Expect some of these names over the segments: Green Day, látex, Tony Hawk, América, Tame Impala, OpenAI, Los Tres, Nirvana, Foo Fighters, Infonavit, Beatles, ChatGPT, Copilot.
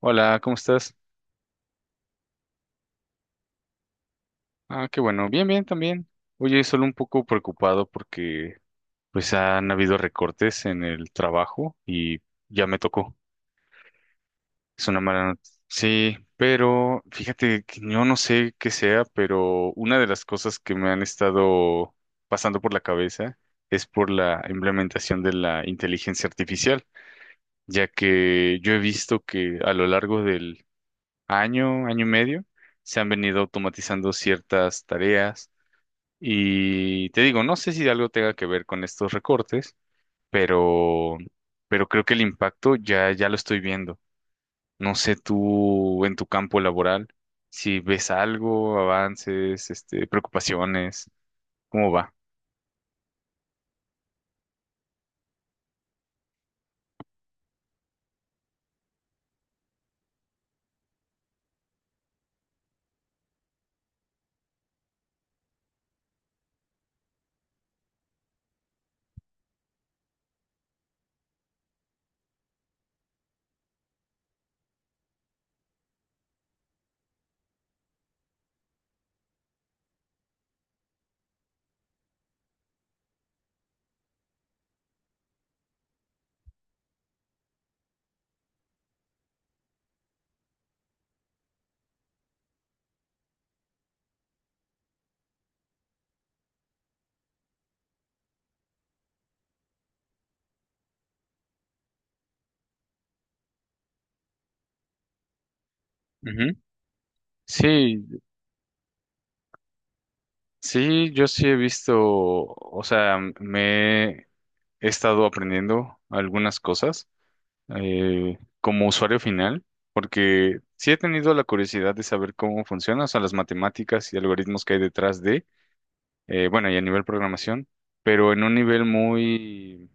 Hola, ¿cómo estás? Ah, qué bueno, bien, bien también. Oye, solo un poco preocupado porque pues han habido recortes en el trabajo y ya me tocó. Es una mala noticia. Sí, pero fíjate que yo no sé qué sea, pero una de las cosas que me han estado pasando por la cabeza es por la implementación de la inteligencia artificial, ya que yo he visto que a lo largo del año, año y medio, se han venido automatizando ciertas tareas. Y te digo, no sé si algo tenga que ver con estos recortes, pero, pero creo que el impacto ya lo estoy viendo. No sé tú en tu campo laboral si ves algo, avances, este, preocupaciones, ¿cómo va? Ujú. Sí, sí, yo sí he visto, o sea, me he estado aprendiendo algunas cosas como usuario final, porque sí he tenido la curiosidad de saber cómo funciona, o sea, las matemáticas y algoritmos que hay detrás de, bueno, y a nivel programación, pero en un nivel muy,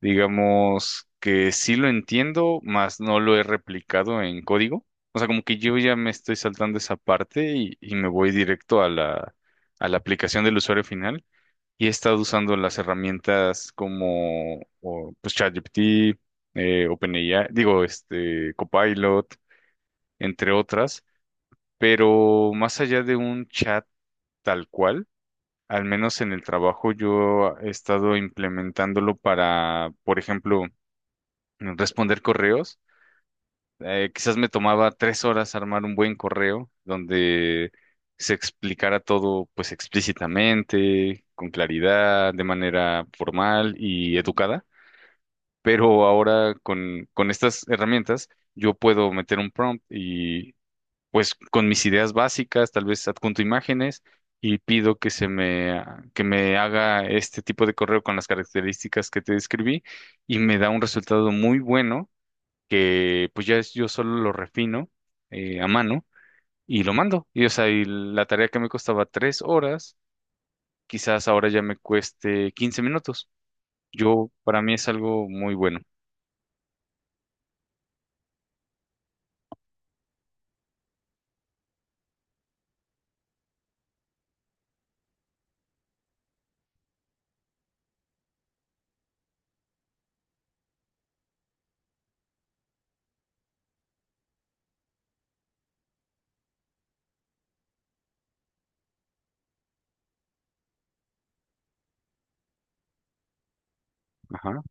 digamos, que sí lo entiendo, más no lo he replicado en código. O sea, como que yo ya me estoy saltando esa parte y me voy directo a la aplicación del usuario final y he estado usando las herramientas como o, pues ChatGPT, OpenAI, digo, este, Copilot, entre otras, pero más allá de un chat tal cual, al menos en el trabajo yo he estado implementándolo para, por ejemplo, responder correos. Quizás me tomaba 3 horas armar un buen correo donde se explicara todo pues explícitamente, con claridad, de manera formal y educada. Pero ahora con estas herramientas yo puedo meter un prompt y pues con mis ideas básicas, tal vez adjunto imágenes y pido que se me, que me haga este tipo de correo con las características que te describí y me da un resultado muy bueno que pues ya yo solo lo refino a mano y lo mando. Y o sea, y la tarea que me costaba 3 horas, quizás ahora ya me cueste 15 minutos. Para mí es algo muy bueno. Ajá.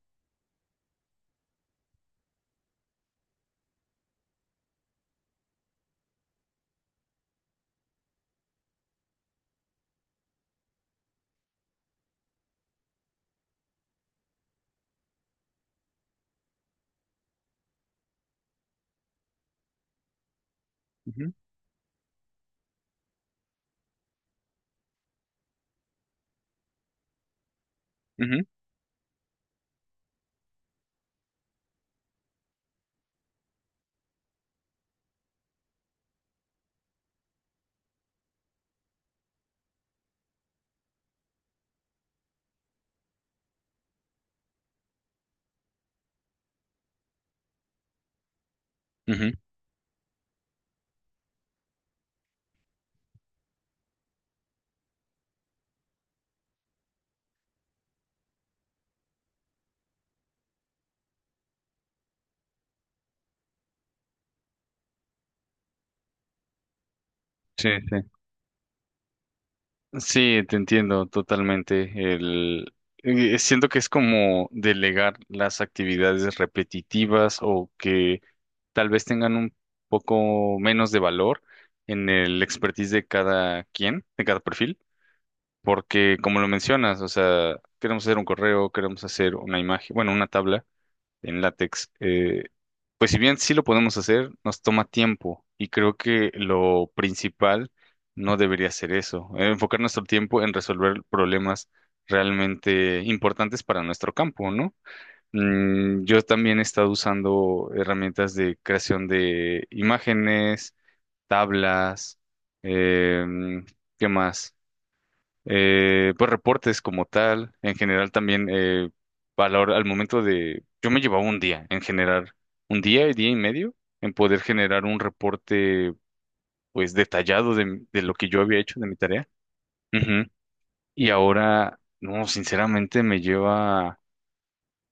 Ujú, ujú. Ujú. Sí, sí. Sí, te entiendo totalmente. El, Siento que es como delegar las actividades repetitivas o que tal vez tengan un poco menos de valor en el expertise de cada quien, de cada perfil, porque como lo mencionas, o sea, queremos hacer un correo, queremos hacer una imagen, bueno, una tabla en látex. Pues si bien sí lo podemos hacer, nos toma tiempo y creo que lo principal no debería ser eso, enfocar nuestro tiempo en resolver problemas realmente importantes para nuestro campo, ¿no? Yo también he estado usando herramientas de creación de imágenes, tablas, em, ¿qué más? Pues reportes como tal, en general también, a la al momento de, yo me llevaba un día en generar, un día y día y medio en poder generar un reporte pues detallado de lo que yo había hecho de mi tarea. Ujú. Y ahora, no, sinceramente me lleva.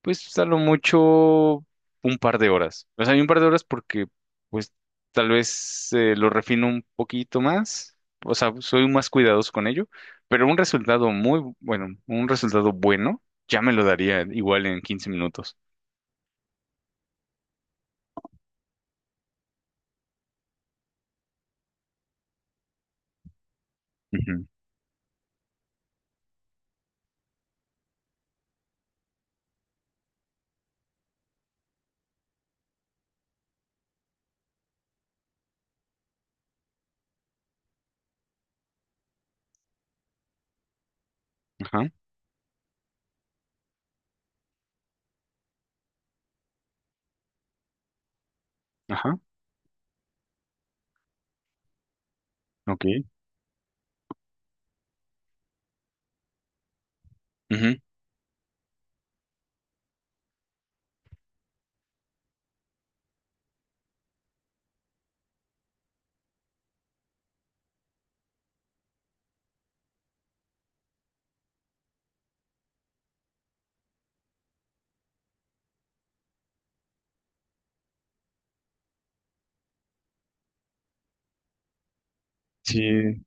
Pues a lo mucho un par de horas. O sea, un par de horas porque, pues, tal vez lo refino un poquito más. O sea, soy más cuidadoso con ello. Pero un resultado muy bueno, un resultado bueno, ya me lo daría igual en 15 minutos. Ujú. Ajá, ajá, ok. Ujú. Sí.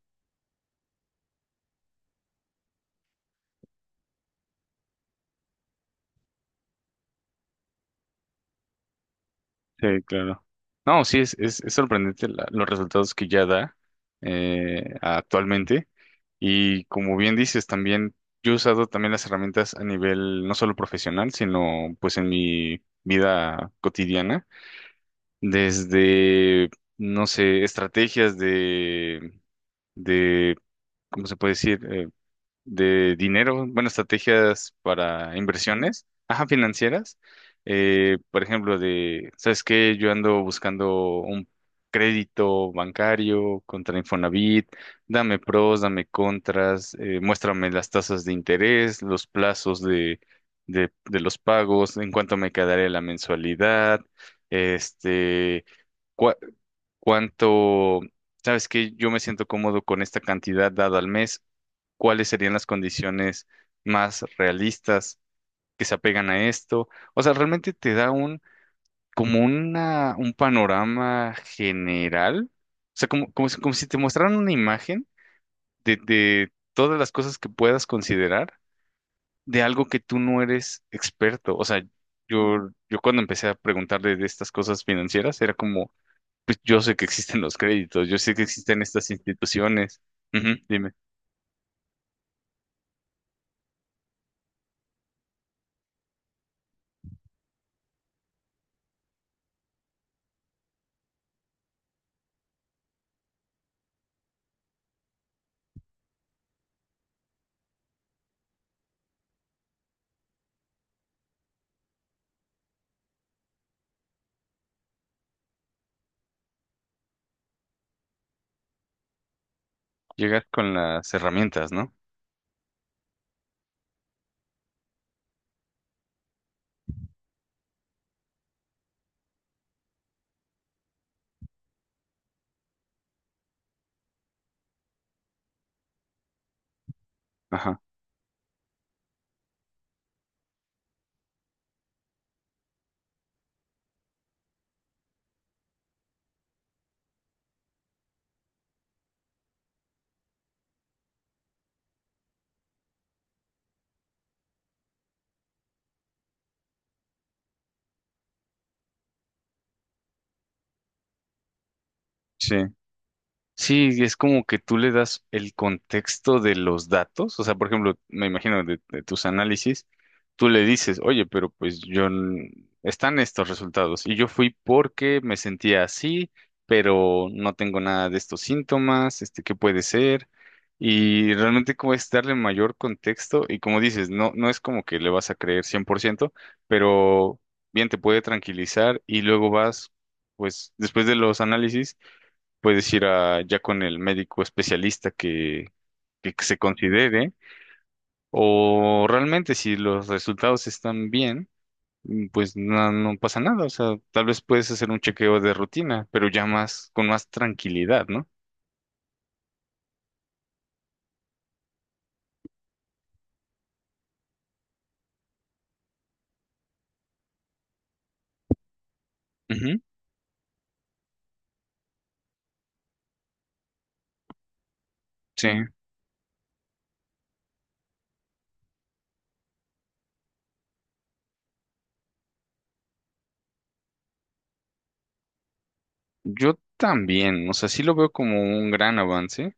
Sí, claro. No, sí, es, es sorprendente los resultados que ya da actualmente. Y como bien dices, también yo he usado también las herramientas a nivel no solo profesional, sino pues en mi vida cotidiana, desde, no sé, estrategias de, ¿cómo se puede decir? De dinero, bueno, estrategias para inversiones, ajá, financieras. Por ejemplo, de, ¿sabes qué? Yo ando buscando un crédito bancario contra Infonavit, dame pros, dame contras, muéstrame las tasas de interés, los plazos de, de los pagos, en cuánto me quedaría la mensualidad, este, cua- cuánto, ¿sabes qué? Yo me siento cómodo con esta cantidad dada al mes. Cuáles serían las condiciones más realistas que se apegan a esto. O sea, realmente te da un panorama general. O sea, como si te mostraran una imagen de todas las cosas que puedas considerar de algo que tú no eres experto. O sea, yo cuando empecé a preguntarle de estas cosas financieras, era como, pues yo sé que existen los créditos, yo sé que existen estas instituciones. Ujú, dime, llegar con las herramientas, ¿no? Ajá. Sí. Sí, es como que tú le das el contexto de los datos. O sea, por ejemplo, me imagino de tus análisis, tú le dices, oye, pero pues están estos resultados y yo fui porque me sentía así, pero no tengo nada de estos síntomas, este, ¿qué puede ser? Y realmente como es darle mayor contexto y como dices, no, no es como que le vas a creer 100%, pero bien te puede tranquilizar y luego vas, pues después de los análisis puedes ir ya con el médico especialista que se considere, o realmente si los resultados están bien, pues no, no pasa nada, o sea, tal vez puedes hacer un chequeo de rutina, pero ya más, con más tranquilidad, ¿no? Ujú, sí, yo también, o sea, sí lo veo como un gran avance,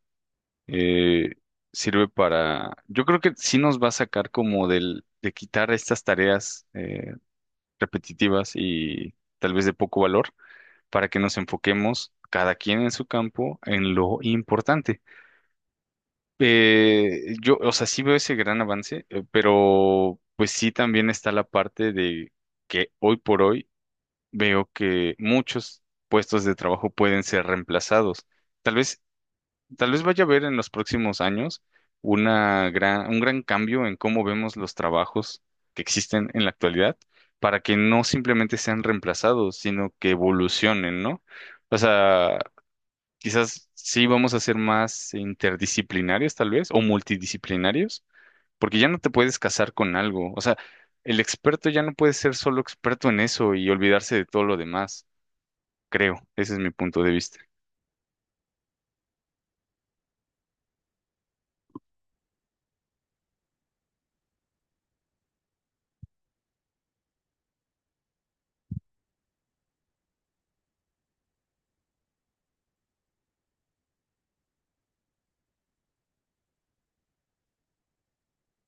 eh, sirve para, yo creo que sí nos va a sacar como de quitar estas tareas repetitivas y tal vez de poco valor para que nos enfoquemos cada quien en su campo en lo importante. Yo, o sea, sí veo ese gran avance, pero pues sí también está la parte de que hoy por hoy veo que muchos puestos de trabajo pueden ser reemplazados. Tal vez, tal vez vaya a haber en los próximos años un gran cambio en cómo vemos los trabajos que existen en la actualidad para que no simplemente sean reemplazados, sino que evolucionen, ¿no? O sea, quizás sí vamos a ser más interdisciplinarios, tal vez, o multidisciplinarios, porque ya no te puedes casar con algo. O sea, el experto ya no puede ser solo experto en eso y olvidarse de todo lo demás, creo. Ese es mi punto de vista.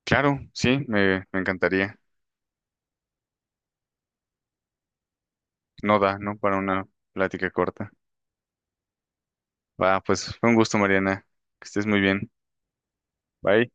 Claro, sí, me encantaría. No da, ¿no? Para una plática corta. Va, pues fue un gusto, Mariana. Que estés muy bien. Bye.